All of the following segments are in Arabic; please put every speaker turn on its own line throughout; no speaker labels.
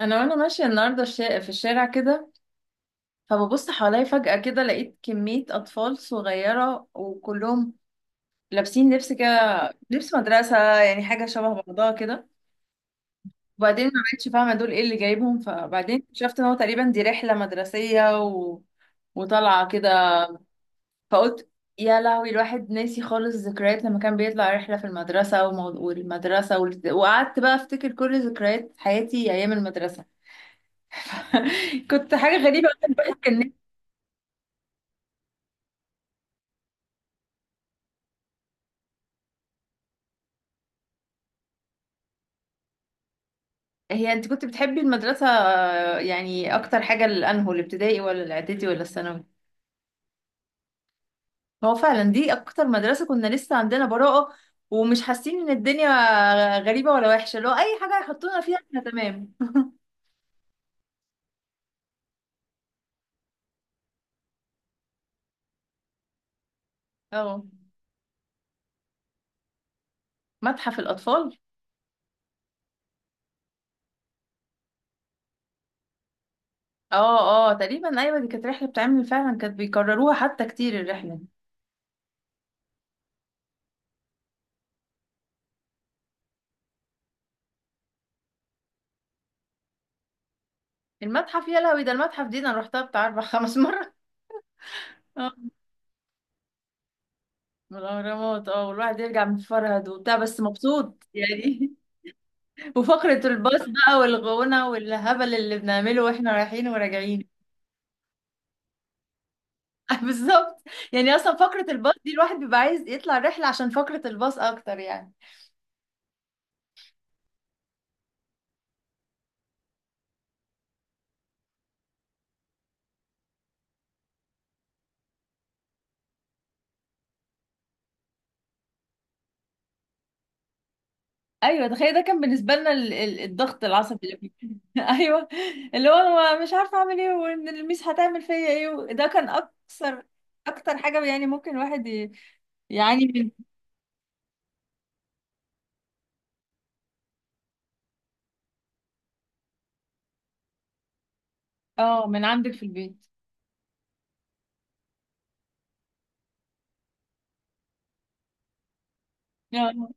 انا وانا ماشيه النهارده في الشارع كده. فببص حواليا فجاه كده، لقيت كميه اطفال صغيره وكلهم لابسين لبس كده، لبس مدرسه، يعني حاجه شبه بعضها كده. وبعدين ما بقتش فاهمه دول ايه اللي جايبهم، فبعدين اكتشفت ان هو تقريبا دي رحله مدرسيه وطالعه كده. فقلت يا لهوي، الواحد ناسي خالص ذكريات لما كان بيطلع رحله في المدرسه والمدرسه وقعدت بقى افتكر كل ذكريات حياتي ايام المدرسه. كنت حاجه غريبه الواحد. هي انت كنت بتحبي المدرسة؟ آه، يعني اكتر حاجة لانهو الابتدائي ولا الاعدادي ولا الثانوي؟ هو فعلا دي اكتر مدرسة كنا لسه عندنا براءة، ومش حاسين ان الدنيا غريبة ولا وحشة، لو اي حاجة يحطونا فيها احنا تمام. اه، متحف الاطفال. اه اه، تقريبا ايوه، دي كانت رحلة بتعمل فعلا، كانت بيكرروها حتى كتير الرحلة. المتحف يا لهوي، ده المتحف دي انا رحتها بتاع اربع خمس مرات. اه، والاهرامات. اه، والواحد يرجع متفرهد وبتاع، بس مبسوط يعني. وفقرة الباص بقى، والغونة والهبل اللي بنعمله واحنا رايحين وراجعين. بالظبط. يعني اصلا فقرة الباص دي الواحد بيبقى عايز يطلع رحلة عشان فقرة الباص اكتر يعني. ايوه، تخيل، ده كان بالنسبة لنا الضغط العصبي اللي فيه. ايوه. اللي هو انا مش عارفة اعمل ايه، وان الميس هتعمل فيا ايه، ده كان اكثر اكتر حاجة يعني ممكن يعاني من. اه، من عندك في البيت. اه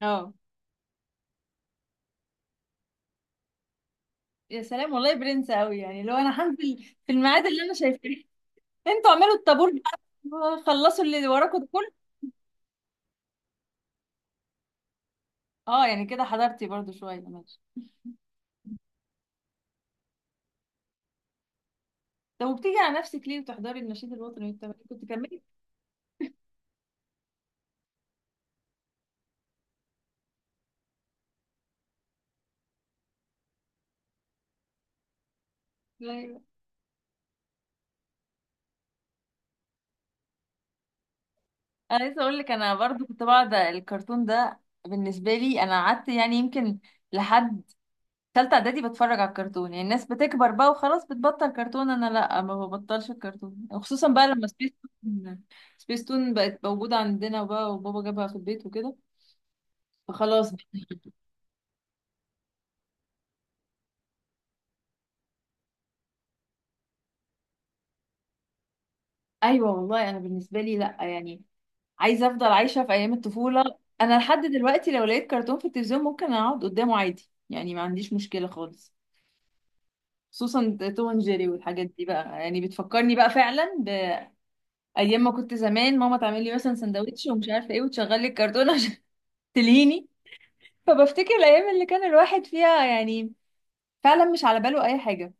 اه، يا سلام، والله برنس قوي يعني. لو انا هنزل في الميعاد اللي انا شايفاه، انتوا اعملوا الطابور بقى، خلصوا اللي وراكوا ده كله. اه يعني كده حضرتي برضو شويه ماشي. طب وبتيجي على نفسك ليه وتحضري النشيد الوطني والتمارين؟ كنت كملي. ايوه. انا لسه اقول لك، انا برضو كنت بقعد الكرتون ده. بالنسبه لي انا قعدت يعني يمكن لحد ثالثه اعدادي بتفرج على الكرتون. يعني الناس بتكبر بقى وخلاص بتبطل كرتون، انا لا، ما ببطلش الكرتون، وخصوصا بقى لما سبيس تون، سبيس تون بقت موجوده عندنا بقى، وبابا جابها في البيت وكده، فخلاص. ايوه، والله انا بالنسبه لي لا يعني، عايزه افضل عايشه في ايام الطفوله. انا لحد دلوقتي لو لقيت كرتون في التلفزيون ممكن اقعد قدامه عادي، يعني ما عنديش مشكله خالص. خصوصا توم اند جيري والحاجات دي بقى، يعني بتفكرني بقى فعلا بايام ما كنت زمان ماما تعمل لي مثلا سندوتش ومش عارفه ايه، وتشغل لي الكرتون عشان تلهيني. فبفتكر الايام اللي كان الواحد فيها يعني فعلا مش على باله اي حاجه.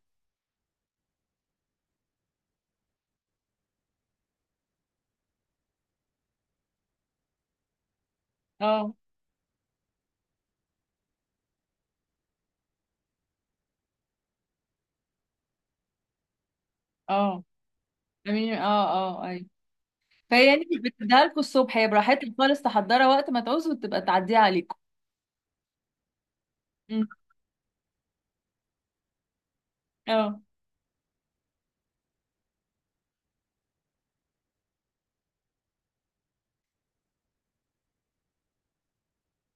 اه اه، امين، اه اه ايوه. فهي يعني بتديها لكم الصبح، هي براحتك خالص تحضرها وقت ما تعوزوا، وتبقى تعديها عليكم. أمم، اه.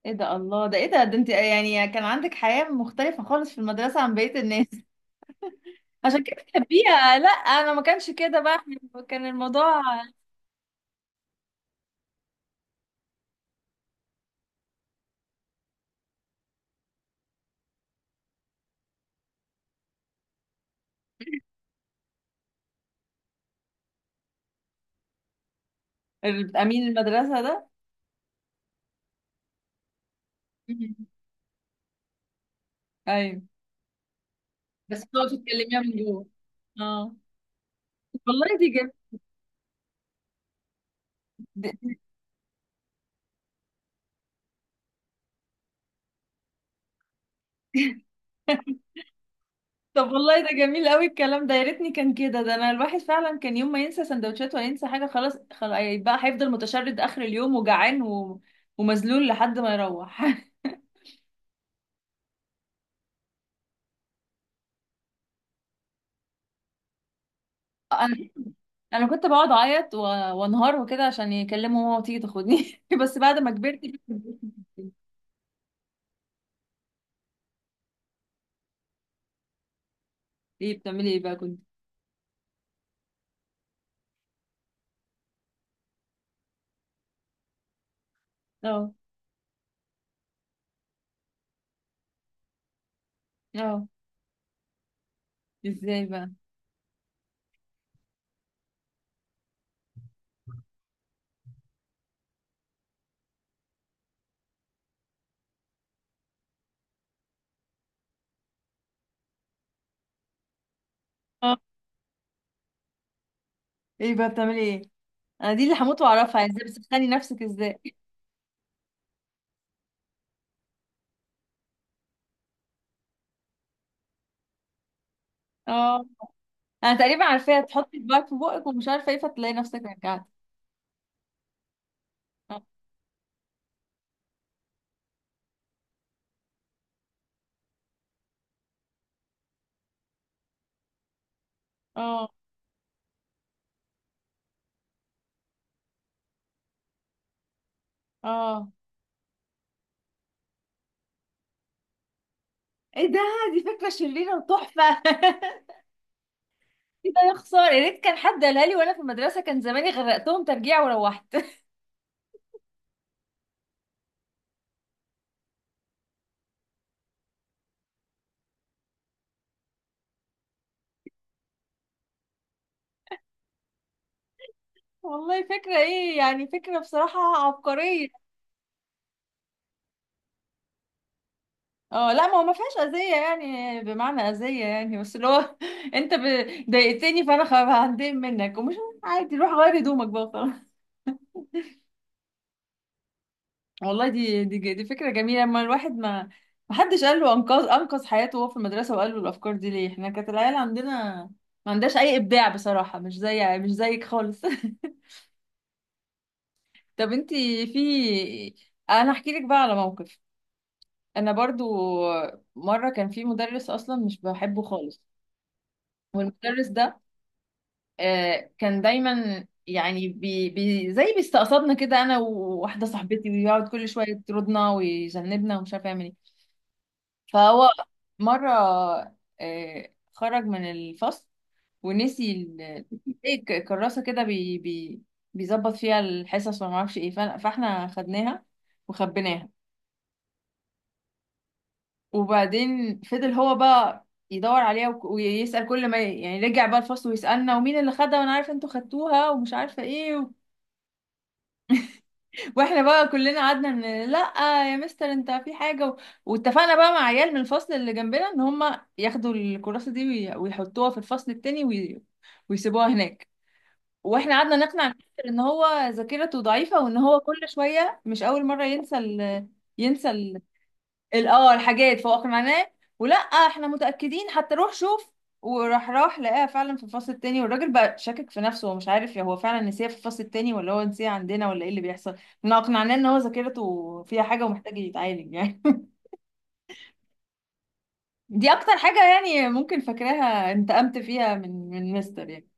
ايه ده؟ الله، ده ايه ده؟ ده انت يعني كان عندك حياة مختلفة خالص في المدرسة عن بقية الناس. عشان كده بتحبيها. لا انا ما كانش كده بقى، إحنا كان الموضوع. الامين المدرسة ده. مم. ايوه. بس بتقعدي تكلميها من جوه. اه، والله دي جم... دي- طب والله ده جميل قوي الكلام ده، يا ريتني كان كده. ده انا الواحد فعلا كان يوم ما ينسى سندوتشات ولا ينسى حاجة، خلاص خلاص بقى هيفضل متشرد اخر اليوم وجعان ومذلول لحد ما يروح. انا كنت بقعد اعيط وانهار وكده عشان يكلموا ماما وتيجي تاخدني. بس بعد ما كبرت. ايه بتعملي ايه بقى كنت؟ اه اه، ازاي بقى؟ اه، ايه بقى بتعملي ايه؟ انا دي اللي هموت واعرفها، ازاي بتسخني نفسك ازاي؟ اه. انا تقريبا عارفاها، تحطي صباعك في بقك ومش عارفه ايه، فتلاقي نفسك رجعت. اه اه اه. ايه ده، دي فكره شريره وتحفه. ايه ده يا خساره، يا ريت كان حد قالها لي وانا في المدرسه، كان زماني غرقتهم ترجيع وروحت. والله فكرة ايه يعني، فكرة بصراحة عبقرية. اه لا، ما هو ما فيهاش اذية يعني، بمعنى اذية يعني، بس اللي هو انت ضايقتني فانا هندم منك، ومش عادي روح غير هدومك بقى خلاص. والله دي دي فكرة جميلة. اما الواحد ما حدش قال له انقذ حياته وهو في المدرسة وقال له الافكار دي ليه. احنا كانت العيال عندنا ما عندهاش اي ابداع بصراحة، مش زي، مش زيك خالص. طب انتي في، انا احكي لك بقى على موقف. انا برضو مره كان في مدرس اصلا مش بحبه خالص. والمدرس ده آه، كان دايما يعني بي بي زي بيستقصدنا كده، انا وواحده صاحبتي، ويقعد كل شويه يطردنا ويذنبنا ومش عارف يعمل ايه. فهو مره آه، خرج من الفصل ونسي زي كراسه كده، بي بي بيظبط فيها الحصص وما اعرفش ايه، فاحنا خدناها وخبيناها. وبعدين فضل هو بقى يدور عليها، ويسأل كل ما يعني رجع بقى الفصل ويسألنا ومين اللي خدها، وانا عارفه انتوا خدتوها ومش عارفه ايه واحنا بقى كلنا قعدنا ان لا، يا مستر انت في حاجه واتفقنا بقى مع عيال من الفصل اللي جنبنا ان هم ياخدوا الكراسه دي ويحطوها في الفصل التاني ويسيبوها هناك. واحنا قعدنا نقنع المستر ان هو ذاكرته ضعيفه، وان هو كل شويه مش اول مره ينسى ال... ينسى اه الحاجات فوق معناه، ولا احنا متأكدين حتى روح شوف. وراح لقاها فعلا في الفصل التاني، والراجل بقى شاكك في نفسه ومش عارف يا هو فعلا نسيها في الفصل التاني ولا هو نسيها عندنا ولا ايه اللي بيحصل. احنا اقنعناه ان هو ذاكرته فيها حاجة ومحتاج يتعالج يعني. دي اكتر حاجة يعني ممكن فاكراها انتقمت فيها من مستر يعني.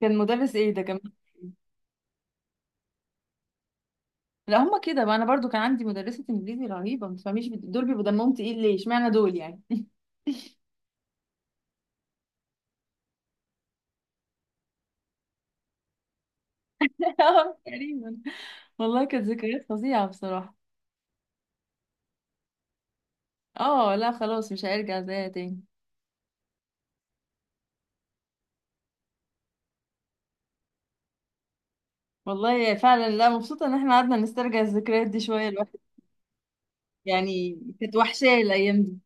كان مدرس ايه ده، كان؟ لا هما كده بقى، انا برضو كان عندي مدرسة انجليزي رهيبة ما تفهميش، بت- دول بيبقوا دمهم تقيل ليه، اشمعنى دول يعني؟ اه تقريبا. والله كانت ذكريات فظيعة بصراحة. اه لا خلاص، مش هيرجع زيها تاني. والله فعلا، لا مبسوطة ان احنا قعدنا نسترجع الذكريات دي شوية الواحد، يعني كانت وحشاه الايام دي.